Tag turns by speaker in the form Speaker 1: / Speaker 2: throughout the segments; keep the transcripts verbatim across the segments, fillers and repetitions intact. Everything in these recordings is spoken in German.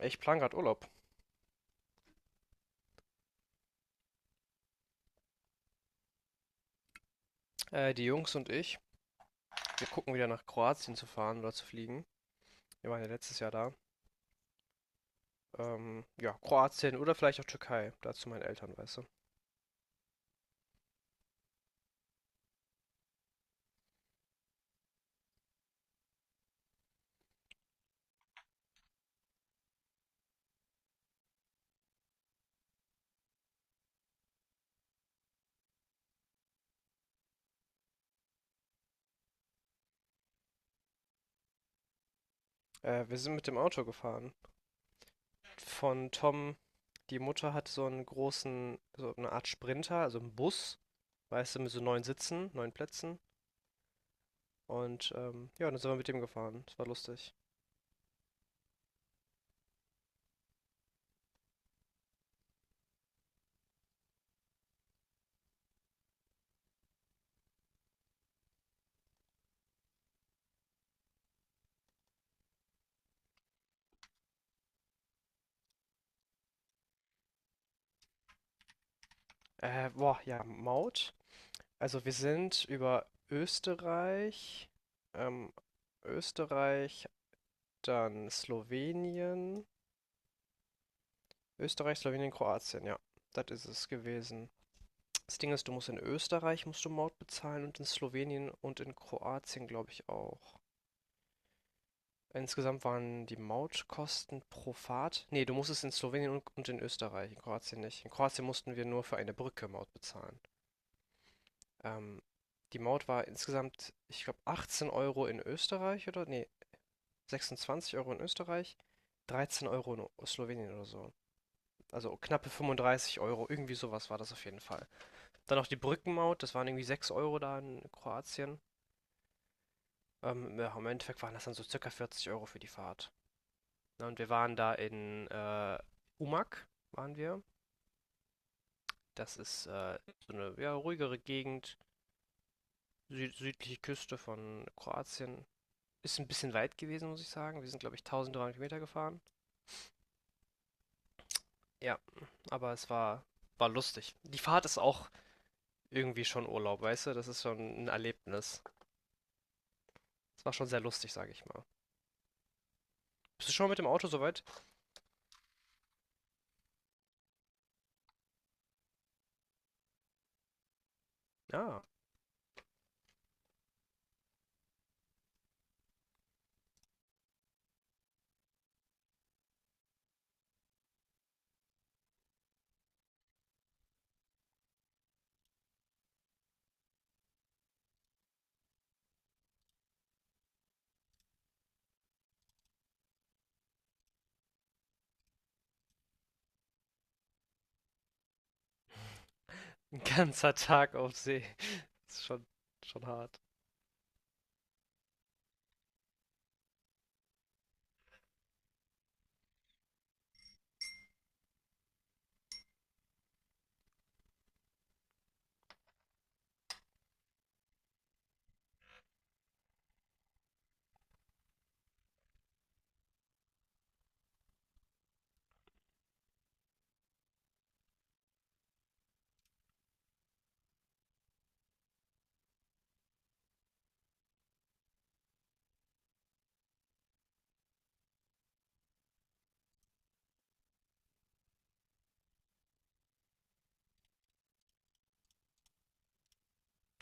Speaker 1: Ich plan gerade Urlaub. Äh, die Jungs und ich, wir gucken wieder nach Kroatien zu fahren oder zu fliegen. Wir waren ja letztes Jahr da. Ähm, ja, Kroatien oder vielleicht auch Türkei. Dazu meine Eltern, weißt du. Äh, wir sind mit dem Auto gefahren. Von Tom, die Mutter hat so einen großen, so eine Art Sprinter, also einen Bus, weißt du, mit so neun Sitzen, neun Plätzen. Und ähm, ja, dann sind wir mit dem gefahren. Das war lustig. Äh, boah, ja, Maut. Also wir sind über Österreich, ähm, Österreich, dann Slowenien, Österreich, Slowenien, Kroatien, ja. Das ist es gewesen. Das Ding ist, du musst in Österreich musst du Maut bezahlen und in Slowenien und in Kroatien, glaube ich, auch. Insgesamt waren die Mautkosten pro Fahrt. Nee, du musstest in Slowenien und, und in Österreich, in Kroatien nicht. In Kroatien mussten wir nur für eine Brücke Maut bezahlen. Ähm, Die Maut war insgesamt, ich glaube, achtzehn Euro in Österreich oder? Nee, sechsundzwanzig Euro in Österreich, dreizehn Euro in O- Slowenien oder so. Also knappe fünfunddreißig Euro, irgendwie sowas war das auf jeden Fall. Dann noch die Brückenmaut, das waren irgendwie sechs Euro da in Kroatien. Ähm, ja, im Endeffekt waren das dann so circa vierzig Euro für die Fahrt. Ne, und wir waren da in äh, Umag, waren wir. Das ist äh, so eine ja, ruhigere Gegend, süd südliche Küste von Kroatien. Ist ein bisschen weit gewesen, muss ich sagen. Wir sind, glaube ich, eintausenddreihundert Kilometer gefahren. Ja, aber es war, war lustig. Die Fahrt ist auch irgendwie schon Urlaub, weißt du? Das ist schon ein Erlebnis. Das war schon sehr lustig, sage ich mal. Bist du schon mit dem Auto soweit? Ja, ein ganzer Tag auf See. Das ist schon, schon hart.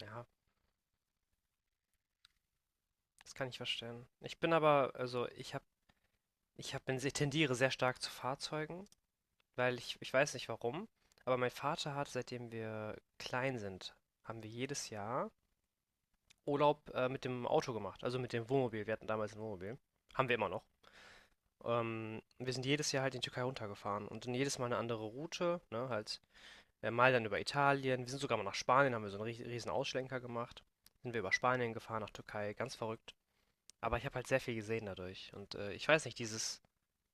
Speaker 1: Ja, das kann ich verstehen. Ich bin aber, also ich habe, ich habe, ich tendiere sehr stark zu Fahrzeugen, weil ich, ich weiß nicht warum, aber mein Vater hat, seitdem wir klein sind, haben wir jedes Jahr Urlaub äh, mit dem Auto gemacht, also mit dem Wohnmobil. Wir hatten damals ein Wohnmobil. Haben wir immer noch. Ähm, wir sind jedes Jahr halt in die Türkei runtergefahren und dann jedes Mal eine andere Route, ne, halt Äh, mal dann über Italien. Wir sind sogar mal nach Spanien, haben wir so einen riesen Ausschlenker gemacht. Sind wir über Spanien gefahren, nach Türkei, ganz verrückt. Aber ich habe halt sehr viel gesehen dadurch. Und äh, ich weiß nicht, dieses,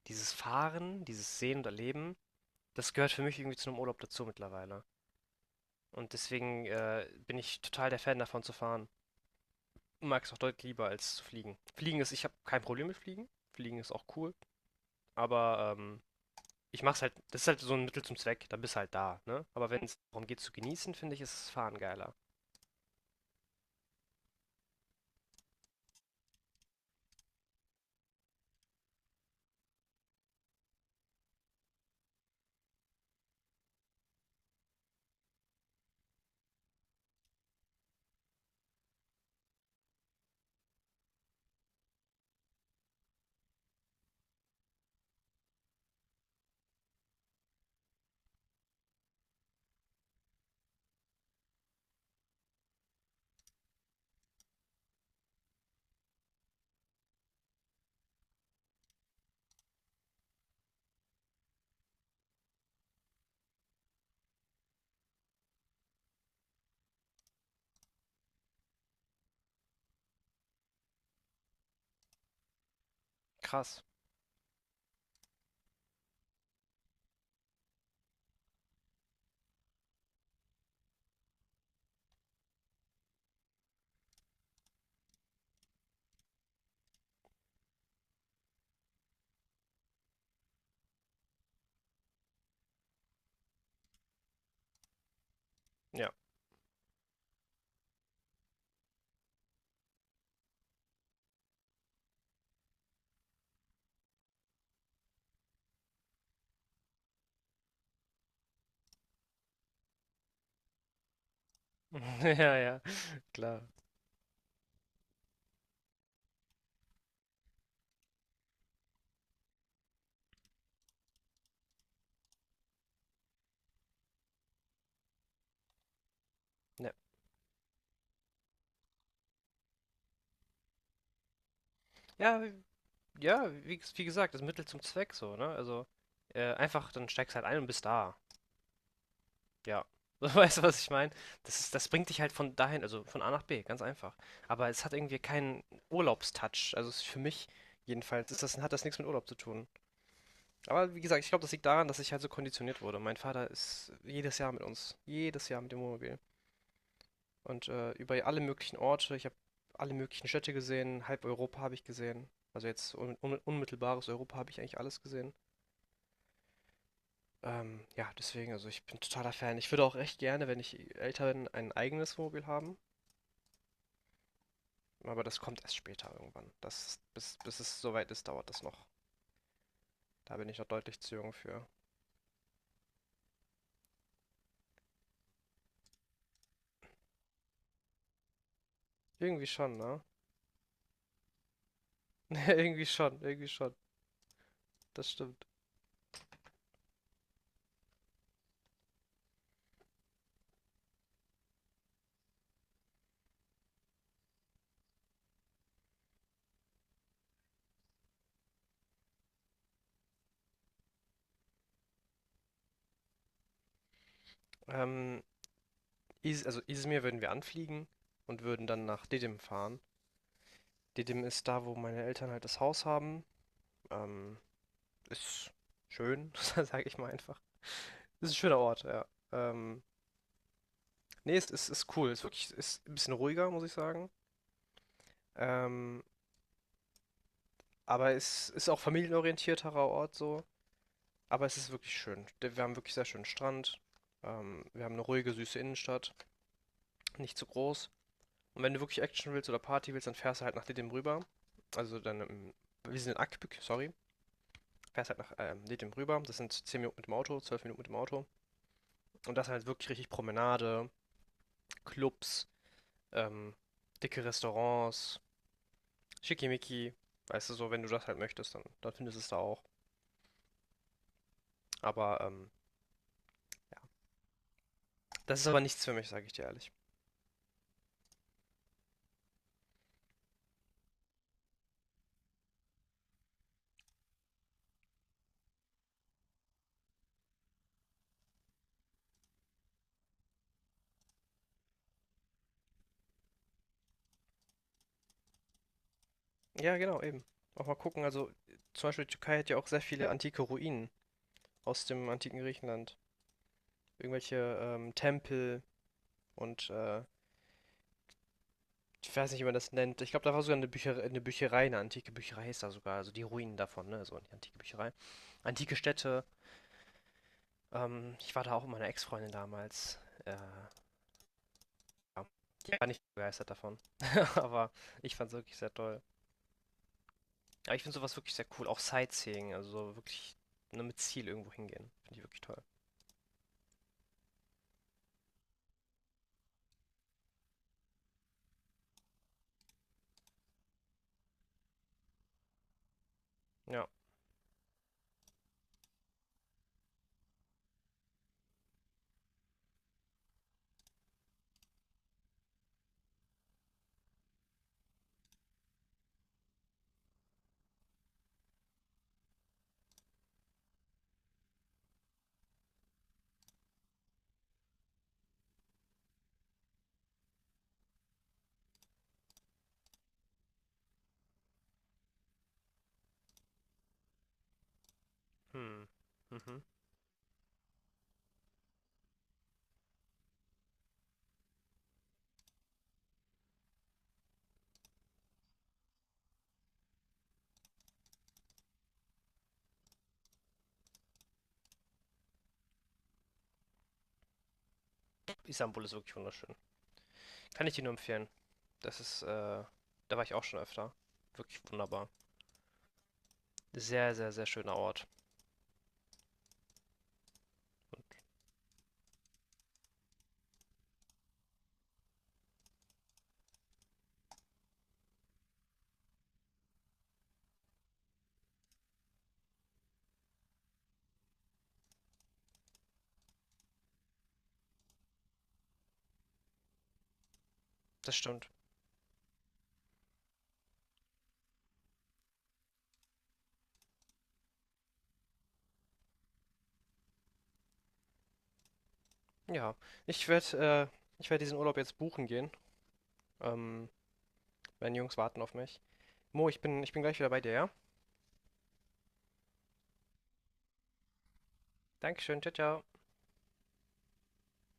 Speaker 1: dieses Fahren, dieses Sehen und Erleben, das gehört für mich irgendwie zu einem Urlaub dazu mittlerweile. Und deswegen äh, bin ich total der Fan davon zu fahren. Mag es auch deutlich lieber als zu fliegen. Fliegen ist, ich habe kein Problem mit Fliegen. Fliegen ist auch cool. Aber ähm, ich mach's halt, das ist halt so ein Mittel zum Zweck, dann bist du halt da, ne? Aber wenn es darum geht zu genießen, finde ich, ist das Fahren geiler. Krass. Ja. Ja, ja, klar. Ja, ja, w- ja wie, ges- wie gesagt, das Mittel zum Zweck so, ne? Also äh, einfach, dann steigst halt ein und bist da. Ja. So, weißt du, was ich meine? Das ist, das bringt dich halt von dahin, also von A nach B, ganz einfach. Aber es hat irgendwie keinen Urlaubstouch. Also es ist für mich jedenfalls ist das, hat das nichts mit Urlaub zu tun. Aber wie gesagt, ich glaube, das liegt daran, dass ich halt so konditioniert wurde. Mein Vater ist jedes Jahr mit uns. Jedes Jahr mit dem Wohnmobil. Und äh, über alle möglichen Orte, ich habe alle möglichen Städte gesehen, halb Europa habe ich gesehen. Also jetzt un un unmittelbares Europa habe ich eigentlich alles gesehen. Ähm, ja, deswegen, also ich bin totaler Fan. Ich würde auch recht gerne, wenn ich älter bin, ein eigenes Wohnmobil haben. Aber das kommt erst später irgendwann. Das, bis, bis es soweit ist, dauert das noch. Da bin ich noch deutlich zu jung für. Irgendwie schon, ne? Ja, irgendwie schon, irgendwie schon. Das stimmt. Ähm, Is Also Izmir würden wir anfliegen und würden dann nach Didim fahren. Didim ist da, wo meine Eltern halt das Haus haben. Ähm, Ist schön, sage ich mal einfach. Ist ein schöner Ort, ja. Ähm, Nee, es ist, ist cool. Ist wirklich ist ein bisschen ruhiger, muss ich sagen. Ähm, aber es ist auch familienorientierterer Ort so. Aber es ist wirklich schön. Der- Wir haben wirklich sehr schönen Strand. Ähm, wir haben eine ruhige, süße Innenstadt. Nicht zu groß. Und wenn du wirklich Action willst oder Party willst, dann fährst du halt nach Didim rüber. Also dann, ähm, wir sind in Akbük, sorry. Fährst halt nach ähm, Didim rüber. Das sind zehn Minuten mit dem Auto, zwölf Minuten mit dem Auto. Und das halt wirklich richtig Promenade, Clubs, ähm, dicke Restaurants, schickimicki. Weißt du, so, wenn du das halt möchtest, dann, dann findest du es da auch. Aber ähm, ja, das ist aber nichts für mich, sage ich dir ehrlich. Ja, genau, eben. Auch mal gucken, also zum Beispiel die Türkei hat ja auch sehr viele antike Ruinen aus dem antiken Griechenland. Irgendwelche ähm, Tempel und äh, ich weiß nicht, wie man das nennt. Ich glaube, da war sogar eine Bücherei, eine Bücherei, eine antike Bücherei ist da sogar, also die Ruinen davon, ne? So eine antike Bücherei. Antike Städte. Ähm, ich war da auch mit meiner Ex-Freundin damals. Äh, ja. Die war nicht begeistert davon. Aber ich fand es wirklich sehr toll. Aber ich finde sowas wirklich sehr cool. Auch Sightseeing, also so wirklich, ne, mit Ziel irgendwo hingehen. Finde ich wirklich toll. Ja. Hm. Mhm. Istanbul ist wirklich wunderschön. Kann ich dir nur empfehlen. Das ist, äh, da war ich auch schon öfter. Wirklich wunderbar. Sehr, sehr, sehr schöner Ort. Das stimmt. Ja. Ich werde, äh, ich werde diesen Urlaub jetzt buchen gehen. Ähm, Meine Jungs warten auf mich. Mo, ich bin, ich bin gleich wieder bei dir, ja? Dankeschön, ciao, ciao.